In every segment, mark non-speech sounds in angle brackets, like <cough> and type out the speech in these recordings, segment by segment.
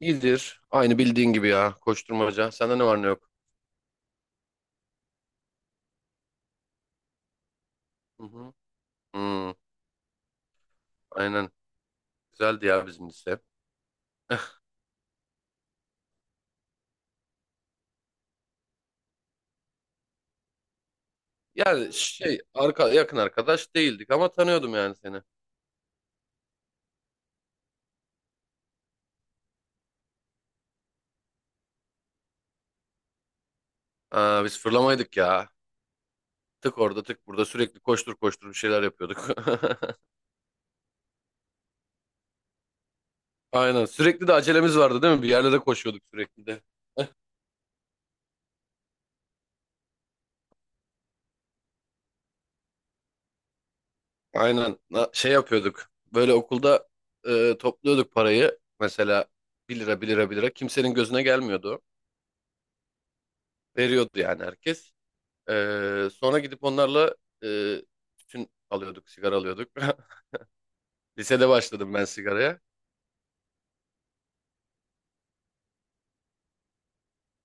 İyidir. Aynı bildiğin gibi ya. Koşturmaca. Sende ne var ne yok? Hı hı. Hmm, aynen. Güzeldi ya bizim lise. Yani yakın arkadaş değildik ama tanıyordum yani seni. Aa, biz fırlamaydık ya. Tık orada tık burada sürekli koştur koştur bir şeyler yapıyorduk. <laughs> Aynen. Sürekli de acelemiz vardı değil mi? Bir yerlere koşuyorduk sürekli de. Aynen. Şey yapıyorduk. Böyle okulda topluyorduk parayı. Mesela 1 lira 1 lira 1 lira. Kimsenin gözüne gelmiyordu. Veriyordu yani herkes. Sonra gidip onlarla e, tütün alıyorduk, sigara alıyorduk. <laughs> Lisede başladım ben sigaraya.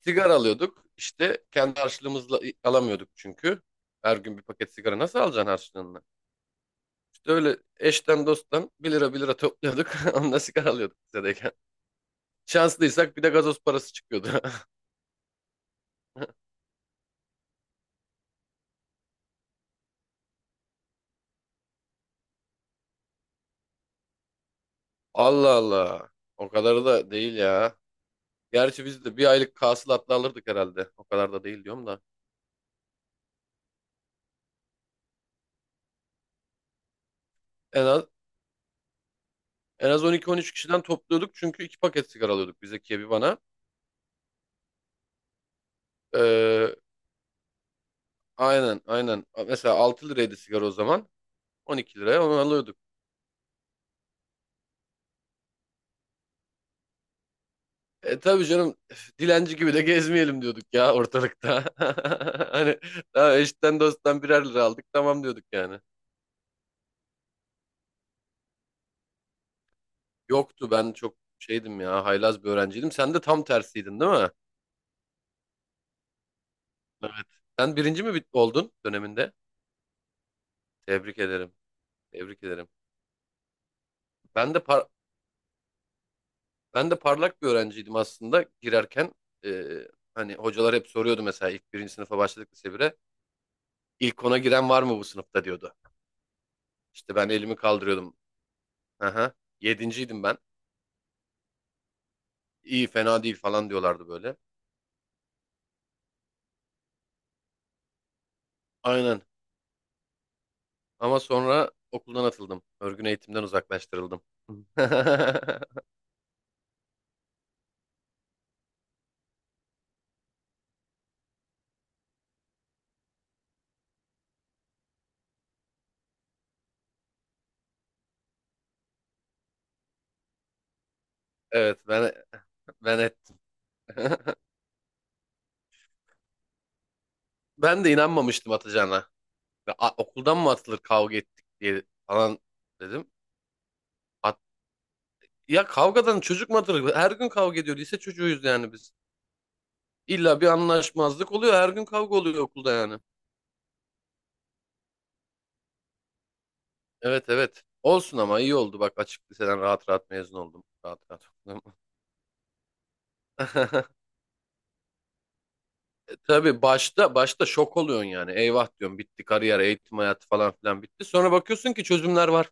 Sigara alıyorduk. İşte kendi harçlığımızla alamıyorduk çünkü. Her gün bir paket sigara nasıl alacaksın harçlığını? İşte öyle eşten dosttan 1 lira 1 lira topluyorduk. <laughs> Onunla sigara alıyorduk lisedeyken. Şanslıysak bir de gazoz parası çıkıyordu. <laughs> Allah Allah. O kadar da değil ya. Gerçi biz de bir aylık hasılatla alırdık herhalde. O kadar da değil diyorum da. En az En az 12-13 kişiden topluyorduk çünkü iki paket sigara alıyorduk biz Zekiye bir bana. Ee, aynen aynen. Mesela 6 liraydı sigara o zaman. 12 liraya onu alıyorduk. E tabii canım üf, dilenci gibi de gezmeyelim diyorduk ya ortalıkta. <laughs> Hani daha eşitten dosttan birer lira aldık tamam diyorduk yani. Yoktu, ben çok şeydim ya, haylaz bir öğrenciydim. Sen de tam tersiydin değil mi? Evet. Sen oldun döneminde? Tebrik ederim. Tebrik ederim. Ben de par- Ben de parlak bir öğrenciydim aslında girerken. Ee, hani hocalar hep soruyordu mesela ilk birinci sınıfa başladık lise 1'e. İlk ona giren var mı bu sınıfta diyordu. İşte ben elimi kaldırıyordum. Aha, yedinciydim ben. İyi fena değil falan diyorlardı böyle. Aynen, ama sonra okuldan atıldım. Örgün eğitimden uzaklaştırıldım. <laughs> Evet, ben et. <laughs> Ben de inanmamıştım atacağına. Ve, "A, okuldan mı atılır kavga ettik" diye falan dedim. Ya kavgadan çocuk mu? Her gün kavga ediyor. Lise çocuğuyuz yani biz. İlla bir anlaşmazlık oluyor. Her gün kavga oluyor okulda yani. Evet, evet. Olsun, ama iyi oldu. Bak, açık liseden rahat rahat mezun oldum. Rahat rahat okudum. <laughs> Tabii başta başta şok oluyorsun yani. Eyvah diyorum, bitti kariyer, eğitim hayatı falan filan bitti. Sonra bakıyorsun ki çözümler var.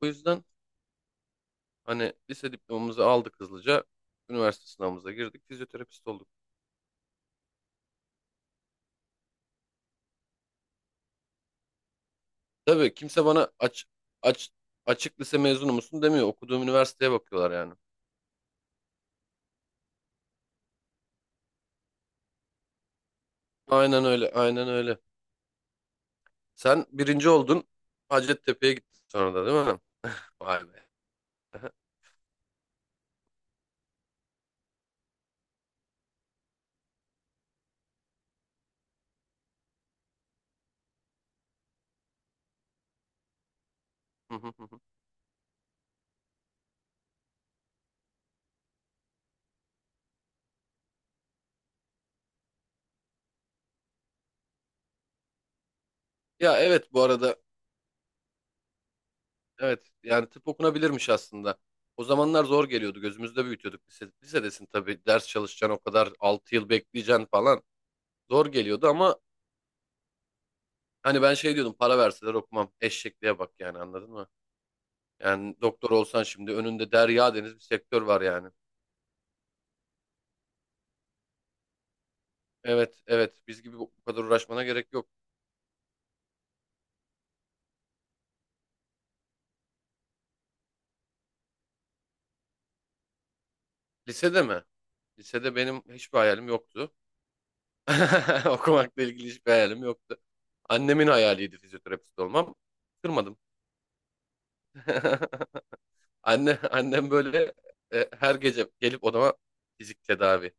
Bu yüzden hani lise diplomamızı aldık hızlıca. Üniversite sınavımıza girdik. Fizyoterapist olduk. Tabii kimse bana aç, açık lise mezunu musun demiyor. Okuduğum üniversiteye bakıyorlar yani. Aynen öyle, aynen öyle. Sen birinci oldun, Hacettepe'ye gittin sonra da değil mi? Vay be. <laughs> Ya evet bu arada, evet yani tıp okunabilirmiş aslında. O zamanlar zor geliyordu, gözümüzde büyütüyorduk. Lise, lisedesin tabii, ders çalışacaksın o kadar, 6 yıl bekleyeceksin falan. Zor geliyordu ama hani ben şey diyordum, para verseler okumam. Eşekliğe bak yani, anladın mı? Yani doktor olsan şimdi önünde derya deniz bir sektör var yani. Evet, evet, biz gibi bu kadar uğraşmana gerek yok. Lisede mi? Lisede benim hiçbir hayalim yoktu. <laughs> Okumakla ilgili hiçbir hayalim yoktu. Annemin hayaliydi fizyoterapist olmam. Kırmadım. <laughs> Annem böyle her gece gelip odama fizik tedavi,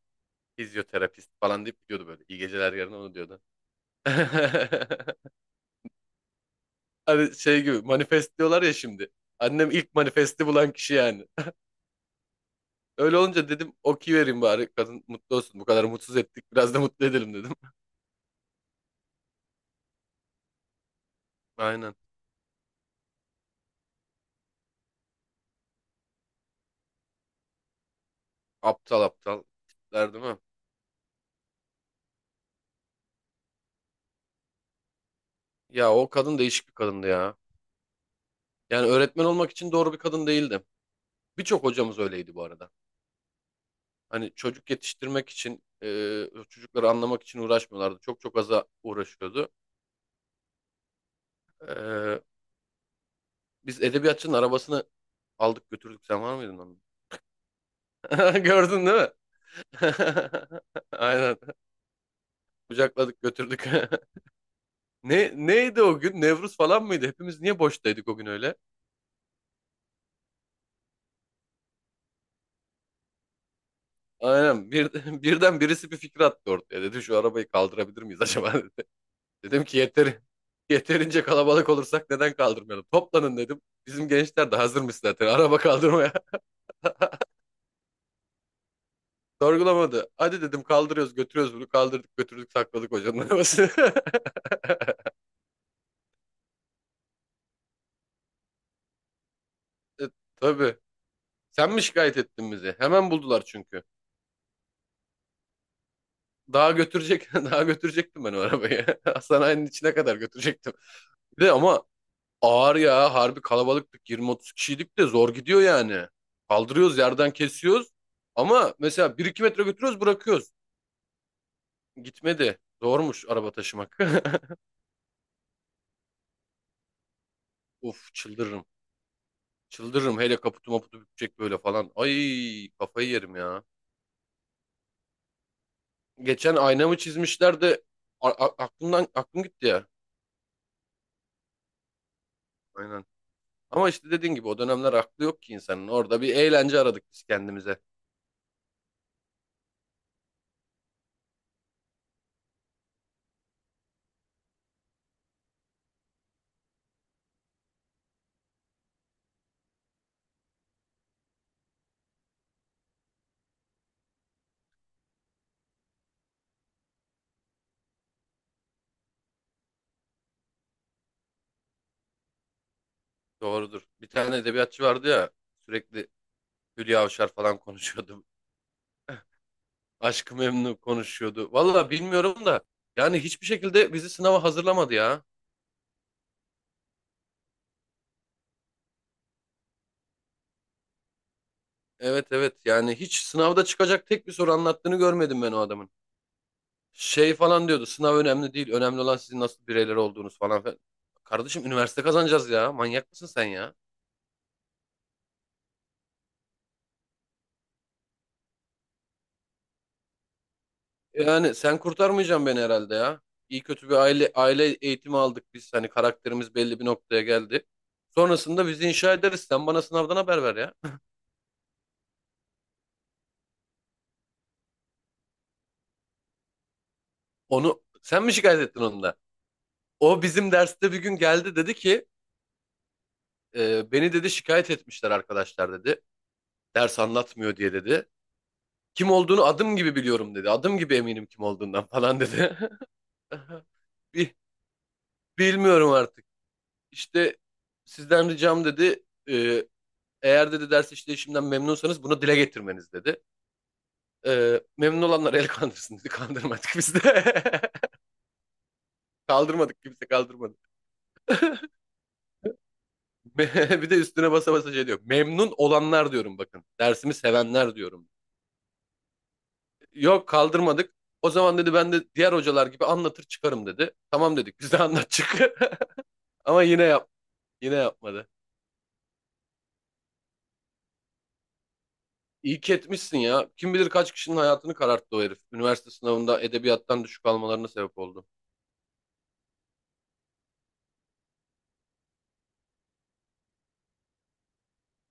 fizyoterapist falan deyip gidiyordu böyle. İyi geceler, yarın onu diyordu. <laughs> Hani şey gibi manifest diyorlar ya şimdi. Annem ilk manifesti bulan kişi yani. Öyle olunca dedim okey vereyim bari, kadın mutlu olsun. Bu kadar mutsuz ettik, biraz da mutlu edelim dedim. <laughs> Aynen. Aptal aptal tipler değil mi? Ya o kadın değişik bir kadındı ya. Yani öğretmen olmak için doğru bir kadın değildi. Birçok hocamız öyleydi bu arada. Hani çocuk yetiştirmek için, çocukları anlamak için uğraşmıyorlardı. Çok çok aza uğraşıyordu. E, biz edebiyatçının arabasını aldık götürdük. Sen var mıydın onun? <laughs> Gördün değil mi? <laughs> Aynen. Kucakladık götürdük. <laughs> Neydi o gün? Nevruz falan mıydı? Hepimiz niye boştaydık o gün öyle? Aynen. <laughs> Birden birisi bir fikir attı ortaya. Dedi şu arabayı kaldırabilir miyiz acaba <laughs> dedi. Dedim ki yeterince kalabalık olursak neden kaldırmayalım? Toplanın dedim. Bizim gençler de hazırmış zaten araba kaldırmaya. <laughs> Sorgulamadı. Hadi dedim, kaldırıyoruz götürüyoruz bunu. Kaldırdık götürdük sakladık hocanın arabasını. <laughs> E, tabii. Sen mi şikayet ettin bizi? Hemen buldular çünkü. <laughs> Daha götürecektim ben o arabayı. <laughs> Hastanenin içine kadar götürecektim. Bir de ama ağır ya, harbi kalabalıktık, 20-30 kişiydik de zor gidiyor yani. Kaldırıyoruz yerden kesiyoruz ama mesela bir iki metre götürüyoruz bırakıyoruz. Gitmedi. Zormuş araba taşımak. <laughs> Of, çıldırırım. Çıldırırım, hele kaputu maputu bükecek böyle falan. Ay kafayı yerim ya. Geçen aynamı çizmişler de aklım gitti ya. Aynen. Ama işte dediğin gibi o dönemler aklı yok ki insanın. Orada bir eğlence aradık biz kendimize. Doğrudur. Bir tane edebiyatçı vardı ya, sürekli Hülya Avşar falan <laughs> konuşuyordu, Aşk-ı Memnu konuşuyordu. Valla bilmiyorum da yani hiçbir şekilde bizi sınava hazırlamadı ya. Evet, evet, yani hiç sınavda çıkacak tek bir soru anlattığını görmedim ben o adamın. Şey falan diyordu, sınav önemli değil, önemli olan sizin nasıl bireyler olduğunuz falan filan. Kardeşim üniversite kazanacağız ya, manyak mısın sen ya? Yani sen kurtarmayacaksın beni herhalde ya. İyi kötü bir aile eğitimi aldık biz, hani karakterimiz belli bir noktaya geldi. Sonrasında bizi inşa ederiz, sen bana sınavdan haber ver ya. <laughs> Onu sen mi şikayet ettin, onu da? O bizim derste bir gün geldi dedi ki beni dedi şikayet etmişler arkadaşlar dedi. Ders anlatmıyor diye dedi. Kim olduğunu adım gibi biliyorum dedi. Adım gibi eminim kim olduğundan falan dedi. <laughs> "Bi- Bilmiyorum artık. İşte sizden ricam dedi. e, eğer dedi ders işleyişimden memnunsanız bunu dile getirmeniz dedi. E, memnun olanlar el kandırsın dedi. <laughs> Kandırmadık biz de. <laughs> Kaldırmadık, kimse kaldırmadı. <laughs> Bir de üstüne basa basa şey diyor. Memnun olanlar diyorum bakın. Dersimi sevenler diyorum. Yok, kaldırmadık. O zaman dedi ben de diğer hocalar gibi anlatır çıkarım dedi. Tamam dedik biz de, anlat çık. <laughs> Ama yine yapmadı. İyi ki etmişsin ya. Kim bilir kaç kişinin hayatını kararttı o herif. Üniversite sınavında edebiyattan düşük almalarına sebep oldu.